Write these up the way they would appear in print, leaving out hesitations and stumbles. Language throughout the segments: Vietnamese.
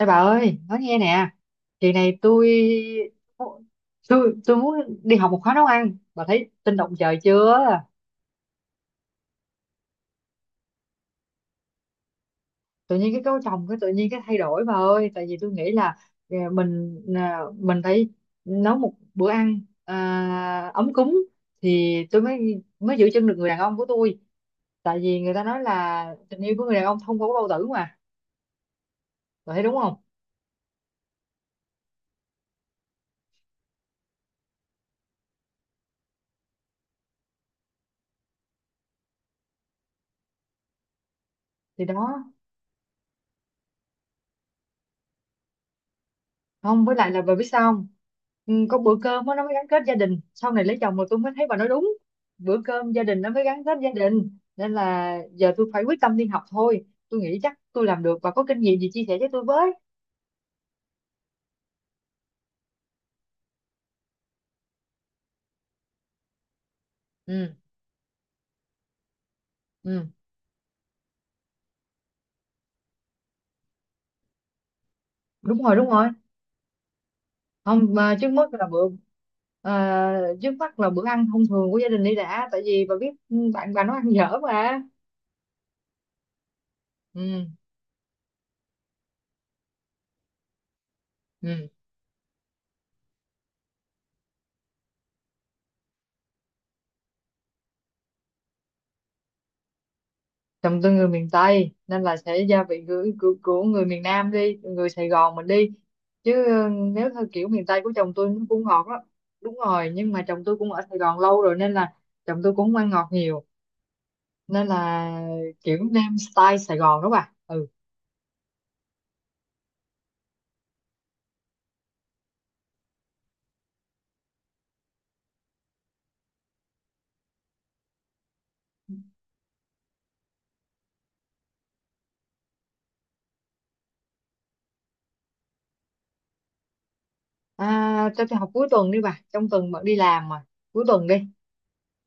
Ê bà ơi, nói nghe nè, kỳ này tôi muốn đi học một khóa nấu ăn, bà thấy tinh động trời chưa? Tự nhiên cái cấu chồng cái tự nhiên cái thay đổi bà ơi, tại vì tôi nghĩ là mình mình phải nấu một bữa ăn ấm cúng thì tôi mới mới giữ chân được người đàn ông của tôi, tại vì người ta nói là tình yêu của người đàn ông thông qua cái bao tử mà, bà thấy đúng không? Thì đó. Không với lại là bà biết sao không? Ừ, có bữa cơm á, nó mới gắn kết gia đình sau này lấy chồng mà tôi mới thấy bà nói đúng. Bữa cơm gia đình nó mới gắn kết gia đình nên là giờ tôi phải quyết tâm đi học thôi, tôi nghĩ chắc tôi làm được, và có kinh nghiệm gì chia sẻ với tôi với. Ừ. Ừ, đúng rồi, đúng rồi. Không, mà trước mắt là bữa à, trước mắt là bữa ăn thông thường của gia đình đi đã, tại vì bà biết, ừ, bạn bà nó ăn dở mà. Ừ. Ừ. Chồng tôi người miền Tây nên là sẽ gia vị của người miền Nam đi, người Sài Gòn mình đi, chứ nếu theo kiểu miền Tây của chồng tôi nó cũng ngọt đó. Đúng rồi, nhưng mà chồng tôi cũng ở Sài Gòn lâu rồi nên là chồng tôi cũng không ăn ngọt nhiều, nên là kiểu nem style Sài Gòn đó bà. Ừ. Cho tôi học cuối tuần đi bà, trong tuần bận đi làm mà, cuối tuần đi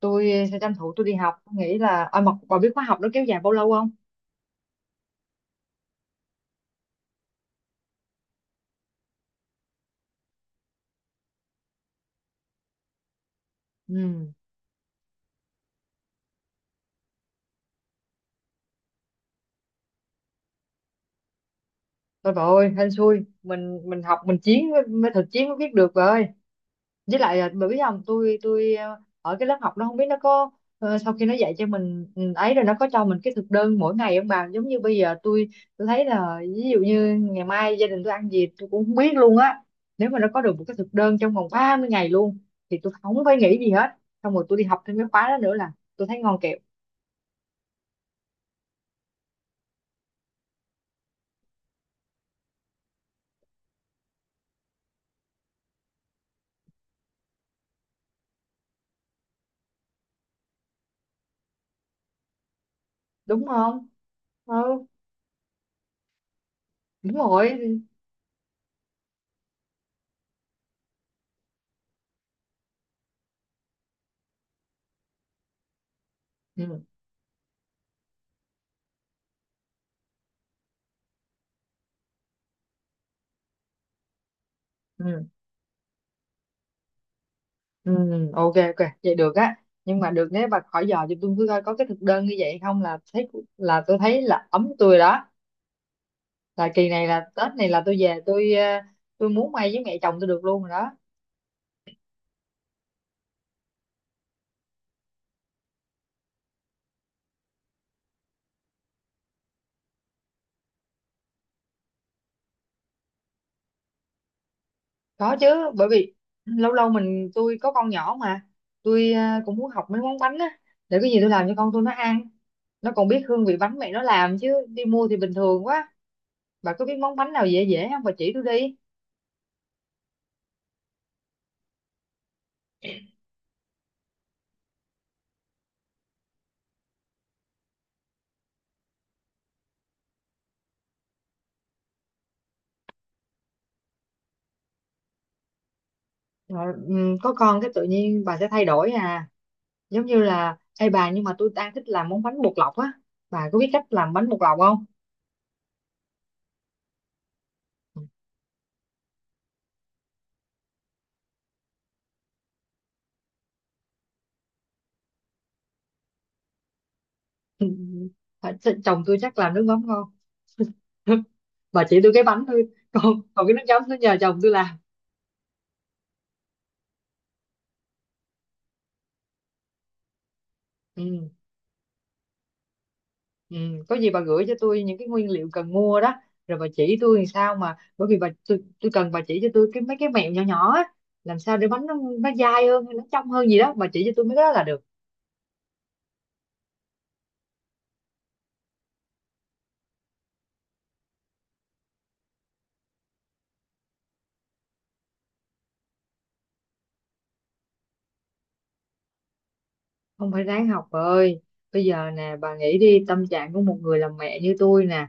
tôi sẽ tranh thủ tôi đi học. Tôi nghĩ là, mà bà biết khóa học nó kéo dài bao lâu không? Ừ. Thôi bà ơi, hên xui, mình học mình chiến mới thực chiến mới biết được bà ơi. Với lại là bởi biết không, tôi ở cái lớp học nó không biết nó có, sau khi nó dạy cho mình, ừ, ấy rồi nó có cho mình cái thực đơn mỗi ngày không bà? Giống như bây giờ tôi thấy là ví dụ như ngày mai gia đình tôi ăn gì tôi cũng không biết luôn á. Nếu mà nó có được một cái thực đơn trong vòng 30 ngày luôn thì tôi không phải nghĩ gì hết, xong rồi tôi đi học thêm cái khóa đó nữa là tôi thấy ngon kẹo đúng không? Ừ, đúng rồi. Ừ. Ừ. Ừ, ok, ok vậy được á, nhưng mà được nếu bà khỏi dò thì tôi cứ coi có cái thực đơn như vậy không là thấy, là tôi thấy là ấm tôi rồi đó, là kỳ này là Tết này là tôi về tôi, tôi muốn may với mẹ chồng tôi được luôn rồi đó. Có chứ, bởi vì lâu lâu mình, tôi có con nhỏ mà, tôi cũng muốn học mấy món bánh á, để cái gì tôi làm cho con tôi nó ăn, nó còn biết hương vị bánh mẹ nó làm chứ đi mua thì bình thường quá. Bà có biết món bánh nào dễ dễ không bà, chỉ tôi đi. Rồi, ừ, có con cái tự nhiên bà sẽ thay đổi à. Giống như là, ê bà, nhưng mà tôi đang thích làm món bánh bột lọc á, bà có biết cách làm bánh bột lọc không? Phải- chồng tôi chắc làm nước mắm ngon. Bà chỉ tôi cái bánh thôi. còn còn cái nước chấm nó nhờ chồng tôi làm. Ừ, ừ. Có gì bà gửi cho tôi những cái nguyên liệu cần mua đó, rồi bà chỉ tôi làm sao, mà bởi vì bà tôi, cần bà chỉ cho tôi cái mấy cái mẹo nhỏ nhỏ á, làm sao để bánh nó dai hơn nó trong hơn gì đó, bà chỉ cho tôi mấy cái đó là được. Không, phải ráng học bà ơi. Bây giờ nè bà nghĩ đi, tâm trạng của một người làm mẹ như tôi nè,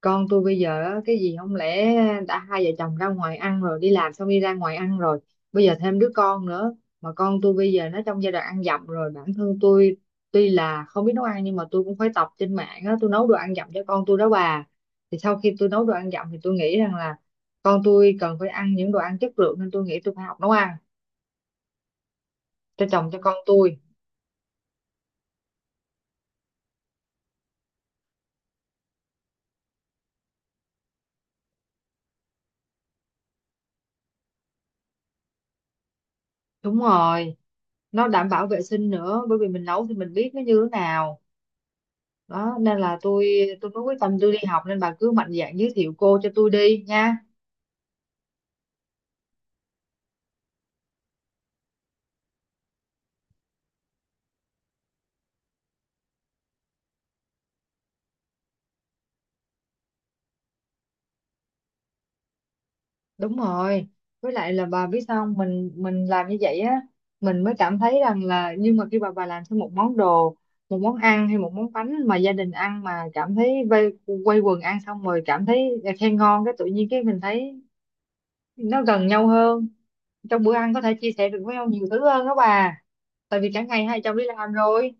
con tôi bây giờ á, cái gì không lẽ đã hai vợ chồng ra ngoài ăn rồi đi làm xong đi ra ngoài ăn, rồi bây giờ thêm đứa con nữa, mà con tôi bây giờ nó trong giai đoạn ăn dặm rồi. Bản thân tôi tuy là không biết nấu ăn nhưng mà tôi cũng phải tập trên mạng á, tôi nấu đồ ăn dặm cho con tôi đó bà. Thì sau khi tôi nấu đồ ăn dặm thì tôi nghĩ rằng là con tôi cần phải ăn những đồ ăn chất lượng nên tôi nghĩ tôi phải học nấu ăn cho chồng, cho con tôi. Đúng rồi, nó đảm bảo vệ sinh nữa bởi vì mình nấu thì mình biết nó như thế nào đó, nên là tôi mới quyết tâm tôi đi học, nên bà cứ mạnh dạn giới thiệu cô cho tôi đi nha. Đúng rồi, với lại là bà biết sao không? Mình làm như vậy á, mình mới cảm thấy rằng là, nhưng mà khi bà làm thêm một món đồ, một món ăn hay một món bánh mà gia đình ăn mà cảm thấy vây, quây quần ăn xong rồi cảm thấy khen ngon, cái tự nhiên cái mình thấy nó gần nhau hơn, trong bữa ăn có thể chia sẻ được với nhau nhiều thứ hơn đó bà. Tại vì cả ngày hai chồng đi làm rồi.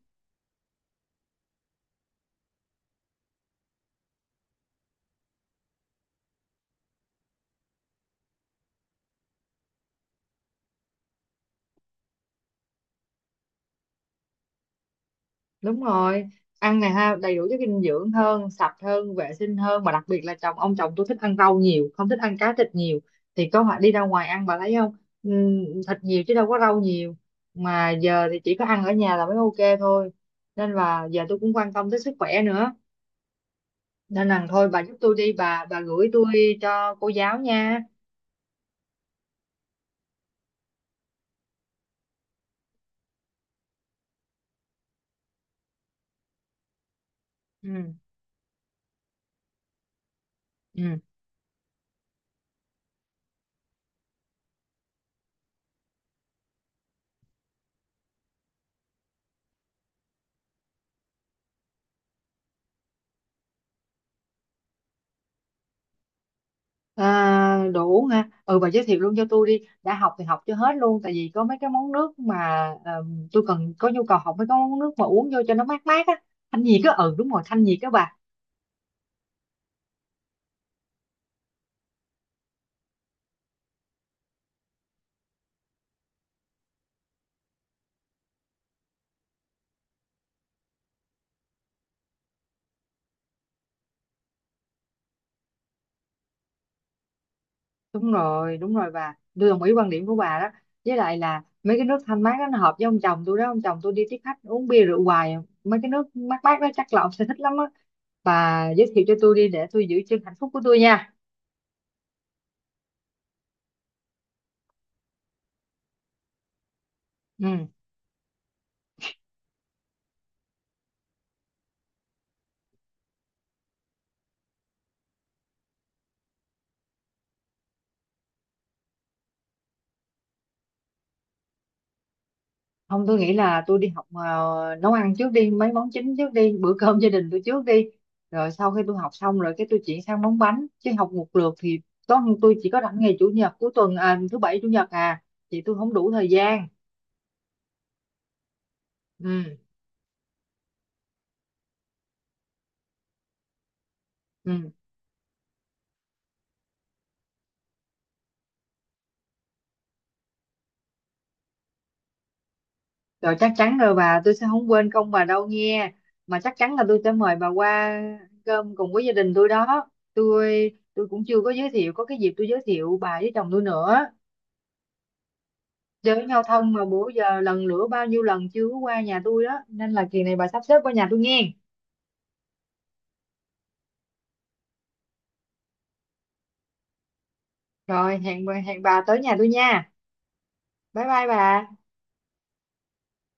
Đúng rồi, ăn này ha, đầy đủ chất dinh dưỡng hơn, sạch hơn, vệ sinh hơn, mà đặc biệt là ông chồng tôi thích ăn rau nhiều, không thích ăn cá thịt nhiều thì có phải đi ra ngoài ăn, bà thấy không? Thịt nhiều chứ đâu có rau nhiều, mà giờ thì chỉ có ăn ở nhà là mới ok thôi, nên là giờ tôi cũng quan tâm tới sức khỏe nữa, nên là thôi bà giúp tôi đi bà gửi tôi cho cô giáo nha. Ừ. Ừ. À, đủ ha, ừ bà giới thiệu luôn cho tôi đi, đã học thì học cho hết luôn, tại vì có mấy cái món nước mà, ờ, tôi cần có nhu cầu học mấy cái món nước mà uống vô cho nó mát mát á, thanh nhiệt á, ừ đúng rồi, thanh nhiệt á bà. Đúng rồi, đúng rồi bà, tôi đồng ý quan điểm của bà đó, với lại là mấy cái nước thanh mát đó nó hợp với ông chồng tôi đó, ông chồng tôi đi tiếp khách uống bia rượu hoài, mấy cái nước mát mát đó chắc là ông sẽ thích lắm á, bà giới thiệu cho tôi đi để tôi giữ chân hạnh phúc của tôi nha. Ừ. Không, tôi nghĩ là tôi đi học nấu ăn trước đi, mấy món chính trước đi, bữa cơm gia đình tôi trước đi, rồi sau khi tôi học xong rồi cái tôi chuyển sang món bánh, chứ học một lượt thì có, tôi chỉ có rảnh ngày chủ nhật cuối tuần, thứ bảy chủ nhật à, thì tôi không đủ thời gian. Ừ. Ừ. Rồi chắc chắn rồi bà, tôi sẽ không quên công bà đâu nghe, mà chắc chắn là tôi sẽ mời bà qua ăn cơm cùng với gia đình tôi đó, tôi cũng chưa có giới thiệu, có cái dịp tôi giới thiệu bà với chồng tôi nữa. Giới giao thông mà bữa giờ lần lữa bao nhiêu lần chưa có qua nhà tôi đó, nên là kỳ này bà sắp xếp qua nhà tôi nghe. Rồi hẹn bà tới nhà tôi nha. Bye bye bà.